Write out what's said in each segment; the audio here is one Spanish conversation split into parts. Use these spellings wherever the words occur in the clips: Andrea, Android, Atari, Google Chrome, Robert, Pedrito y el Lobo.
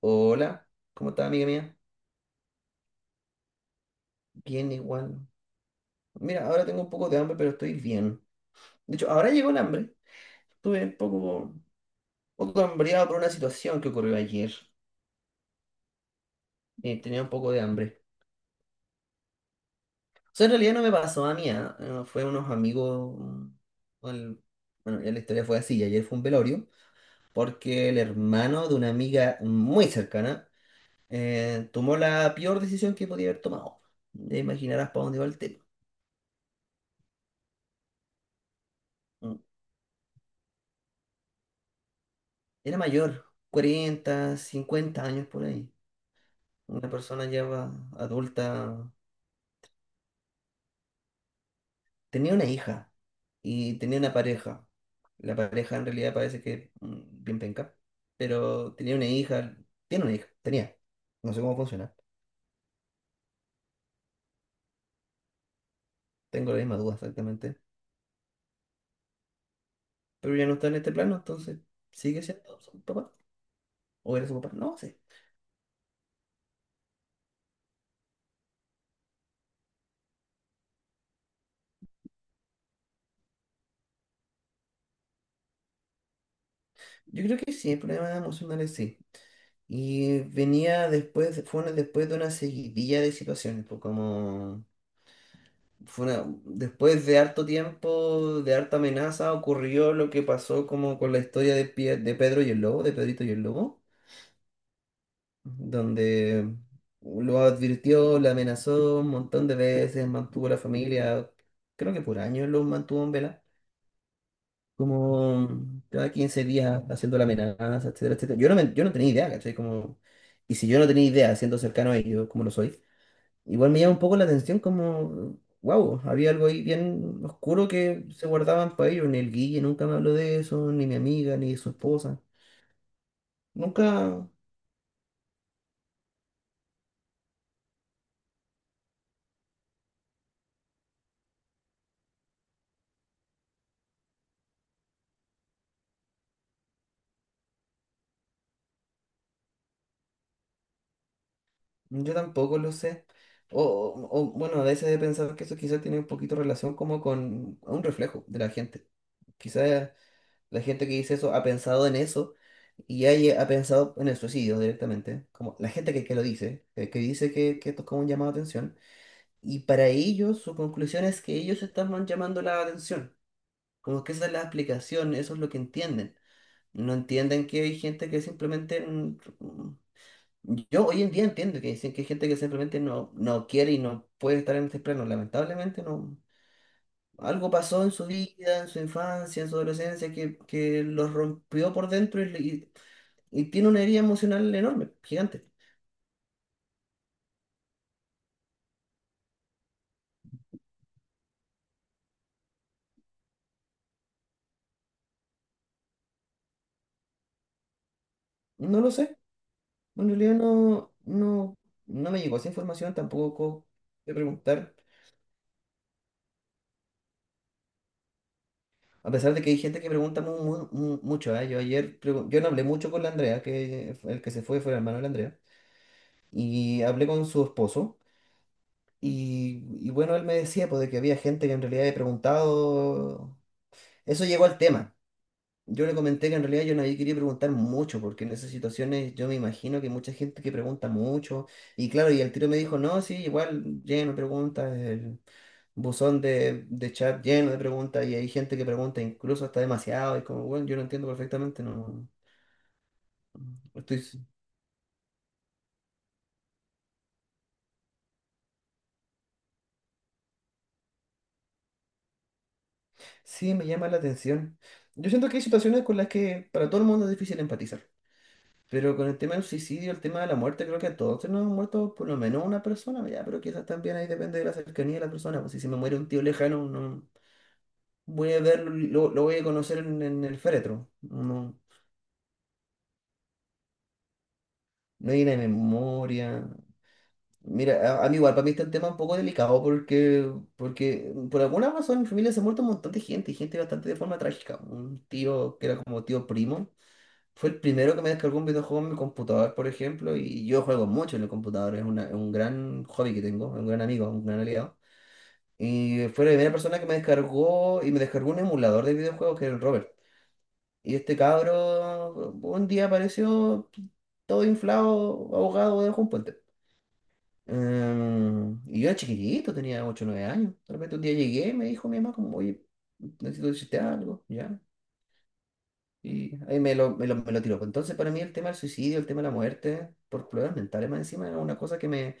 Hola, ¿cómo está, amiga mía? Bien, igual. Mira, ahora tengo un poco de hambre, pero estoy bien. De hecho, ahora llegó el hambre. Estuve poco hambriado por una situación que ocurrió ayer. Tenía un poco de hambre. O sea, en realidad no me pasó a mí, ¿ah? Fue unos amigos. mm, el- bueno, ya la historia fue así. Ayer fue un velorio, porque el hermano de una amiga muy cercana tomó la peor decisión que podía haber tomado. Ya imaginarás para dónde va el tema. Era mayor, 40, 50 años por ahí. Una persona adulta. Tenía una hija y tenía una pareja. La pareja en realidad parece que bien penca, pero tenía una hija. Tiene una hija, tenía. No sé cómo funciona. Tengo la misma duda exactamente. Pero ya no está en este plano, entonces sigue siendo su papá. ¿O era su papá? No sé. Yo creo que sí, el problema emocional es sí. Y venía después, después de una seguidilla de situaciones, pues como después de harto tiempo, de harta amenaza, ocurrió lo que pasó como con la historia de de Pedro y el Lobo, de Pedrito y el Lobo, donde lo advirtió, le amenazó un montón de veces, mantuvo a la familia, creo que por años lo mantuvo en vela, como cada 15 días haciendo la amenaza, etcétera, etcétera. Yo no tenía idea, ¿cachai? Como, y si yo no tenía idea, siendo cercano a ellos, como lo soy, igual me llama un poco la atención como, wow, había algo ahí bien oscuro que se guardaban para ellos. Ni el Guille nunca me habló de eso, ni mi amiga, ni su esposa. Nunca, yo tampoco lo sé. Bueno, a veces he pensado que eso quizás tiene un poquito relación como con un reflejo de la gente. Quizás la gente que dice eso ha pensado en eso y ha pensado en el suicidio directamente. Como la gente que lo dice, que dice que esto es como un llamado de atención. Y para ellos, su conclusión es que ellos están llamando la atención. Como que esa es la explicación, eso es lo que entienden. No entienden que hay gente que simplemente. Yo hoy en día entiendo que dicen que hay gente que simplemente no quiere y no puede estar en este plano. Lamentablemente no. Algo pasó en su vida, en su infancia, en su adolescencia, que los rompió por dentro y tiene una herida emocional enorme, gigante. No lo sé. Bueno, en realidad no me llegó esa información tampoco de preguntar. A pesar de que hay gente que pregunta mucho, ¿eh? Yo ayer, yo no hablé mucho con la Andrea, el que se fue fue el hermano de la Andrea, y hablé con su esposo, y bueno, él me decía pues, de que había gente que en realidad había preguntado, eso llegó al tema. Yo le comenté que en realidad yo no había querido preguntar mucho, porque en esas situaciones yo me imagino que hay mucha gente que pregunta mucho. Y claro, y el tiro me dijo, no, sí, igual lleno de preguntas, el buzón de chat lleno de preguntas, y hay gente que pregunta incluso hasta demasiado, y como, bueno, yo lo entiendo perfectamente, no estoy. Sí, me llama la atención. Yo siento que hay situaciones con las que para todo el mundo es difícil empatizar. Pero con el tema del suicidio, el tema de la muerte, creo que a todos se nos han muerto por lo menos una persona, ya, pero quizás también ahí depende de la cercanía de la persona. Pues si se me muere un tío lejano, no voy a verlo, lo voy a conocer en el féretro. No, no hay una memoria. Mira, a mí igual, para mí está el tema un poco delicado porque, por alguna razón en mi familia se ha muerto un montón de gente, y gente bastante de forma trágica. Un tío que era como tío primo. Fue el primero que me descargó un videojuego en mi computador, por ejemplo, y yo juego mucho en el computador, es un gran hobby que tengo, es un gran amigo, un gran aliado. Y fue la primera persona que me descargó y me descargó un emulador de videojuegos que era el Robert. Y este cabro un día apareció todo inflado, ahogado debajo de un puente. Y yo era chiquitito, tenía ocho o 9 años. De repente un día llegué y me dijo mi mamá como, oye, necesito decirte algo, ¿ya? Y ahí me lo tiró. Entonces, para mí el tema del suicidio, el tema de la muerte, por problemas mentales más encima, es una cosa que me,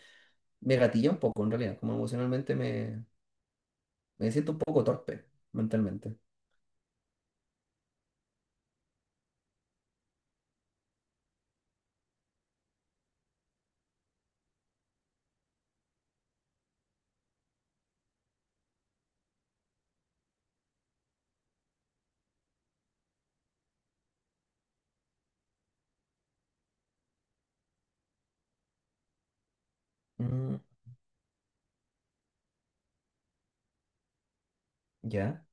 me gatilla un poco en realidad. Como emocionalmente me siento un poco torpe mentalmente. Mm, ya,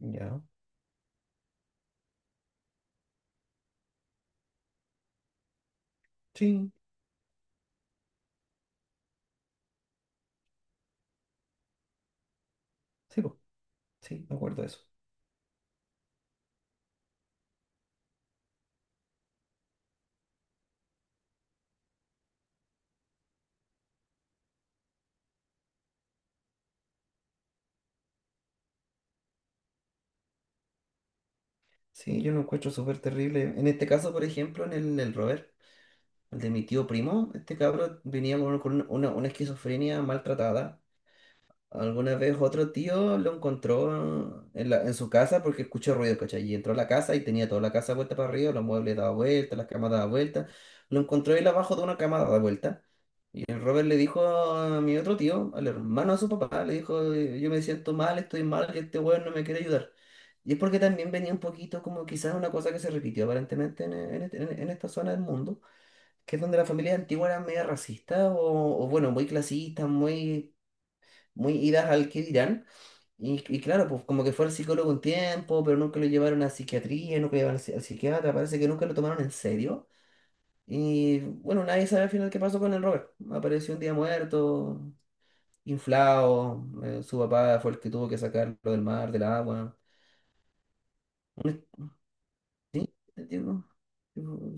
ya. Sí, sí, po, sí, me acuerdo de eso. Sí, yo lo encuentro súper terrible. En este caso, por ejemplo, en el Robert, el de mi tío primo, este cabro venía con una esquizofrenia maltratada. Alguna vez otro tío lo encontró en su casa porque escuchó ruido, ¿cachai? Y entró a la casa y tenía toda la casa vuelta para arriba, los muebles daba vuelta, las camas daba vuelta. Lo encontró él abajo de una cama dada vuelta. Y el Robert le dijo a mi otro tío, al hermano de su papá, le dijo, yo me siento mal, estoy mal, que este weón no me quiere ayudar". Y es porque también venía un poquito como quizás una cosa que se repitió aparentemente en esta zona del mundo, que es donde las familias antiguas eran media racistas bueno, muy clasistas, muy, muy idas al que dirán. Y claro, pues como que fue al psicólogo un tiempo, pero nunca lo llevaron a psiquiatría, nunca lo llevaron al psiquiatra, parece que nunca lo tomaron en serio. Y bueno, nadie sabe al final qué pasó con el Robert. Apareció un día muerto, inflado, su papá fue el que tuvo que sacarlo del mar, del agua. Un- digo, digo,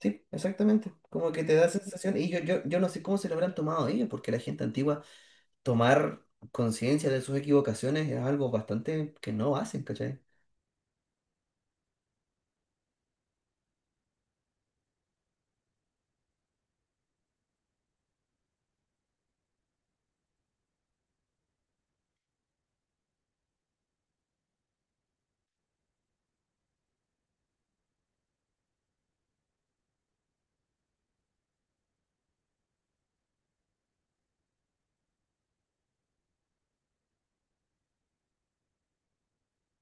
Sí, exactamente. Como que te da sensación, y yo no sé cómo se lo habrán tomado ellos, porque la gente antigua tomar conciencia de sus equivocaciones es algo bastante que no hacen, ¿cachai?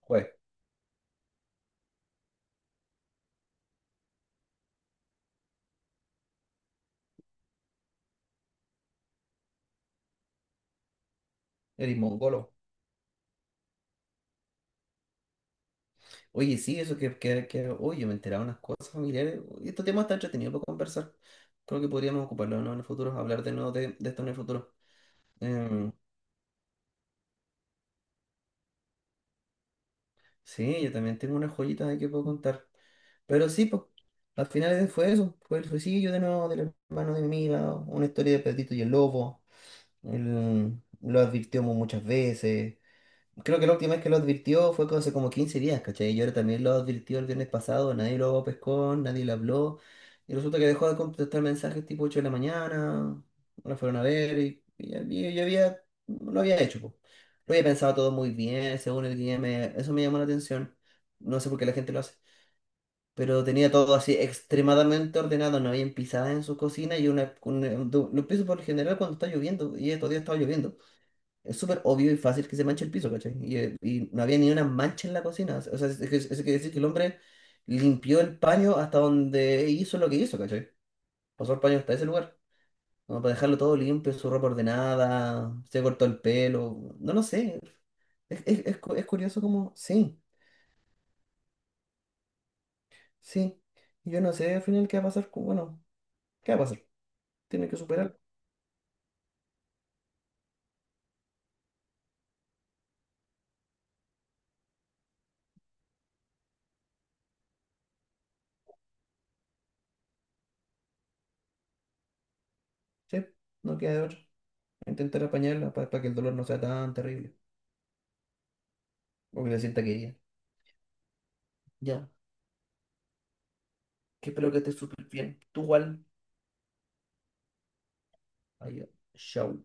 Pues, eres mongolo. Oye, sí, eso oye, me enteraba unas cosas familiares. Y este tema está entretenido para conversar. Creo que podríamos ocuparlo, ¿no?, en el futuro, hablar de nuevo de esto en el futuro. Em, sí, yo también tengo unas joyitas ahí que puedo contar. Pero sí, pues, al final fue eso. Fue el suicidio de nuevo del hermano de mi amiga, una historia de Pedrito y el lobo. Él lo advirtió muchas veces. Creo que la última vez que lo advirtió fue hace como 15 días, ¿cachai? Y ahora también lo advirtió el viernes pasado, nadie lo pescó, nadie le habló. Y resulta que dejó de contestar mensajes tipo 8 de la mañana, no fueron a ver y ya, y ya había, lo había hecho, po. Lo había pensado todo muy bien, según el guía, eso me llamó la atención. No sé por qué la gente lo hace. Pero tenía todo así extremadamente ordenado, no había pisadas en su cocina y lo empiezo por lo general cuando está lloviendo, y estos días estaba lloviendo. Es súper obvio y fácil que se manche el piso, ¿cachai? Y no había ni una mancha en la cocina. O sea, eso quiere decir que el hombre limpió el paño hasta donde hizo lo que hizo, ¿cachai? Pasó el paño hasta ese lugar. Como para dejarlo todo limpio, su ropa ordenada, se cortó el pelo. No lo sé. Es curioso como, sí, sí. Yo no sé al final qué va a pasar. Bueno, ¿qué va a pasar? Tiene que superarlo, ¿sí? No queda de otra. Intentar apañarla para que el dolor no sea tan terrible. O que se sienta querida. Ya. Que espero que estés súper bien. Tú igual. Adiós. Chau.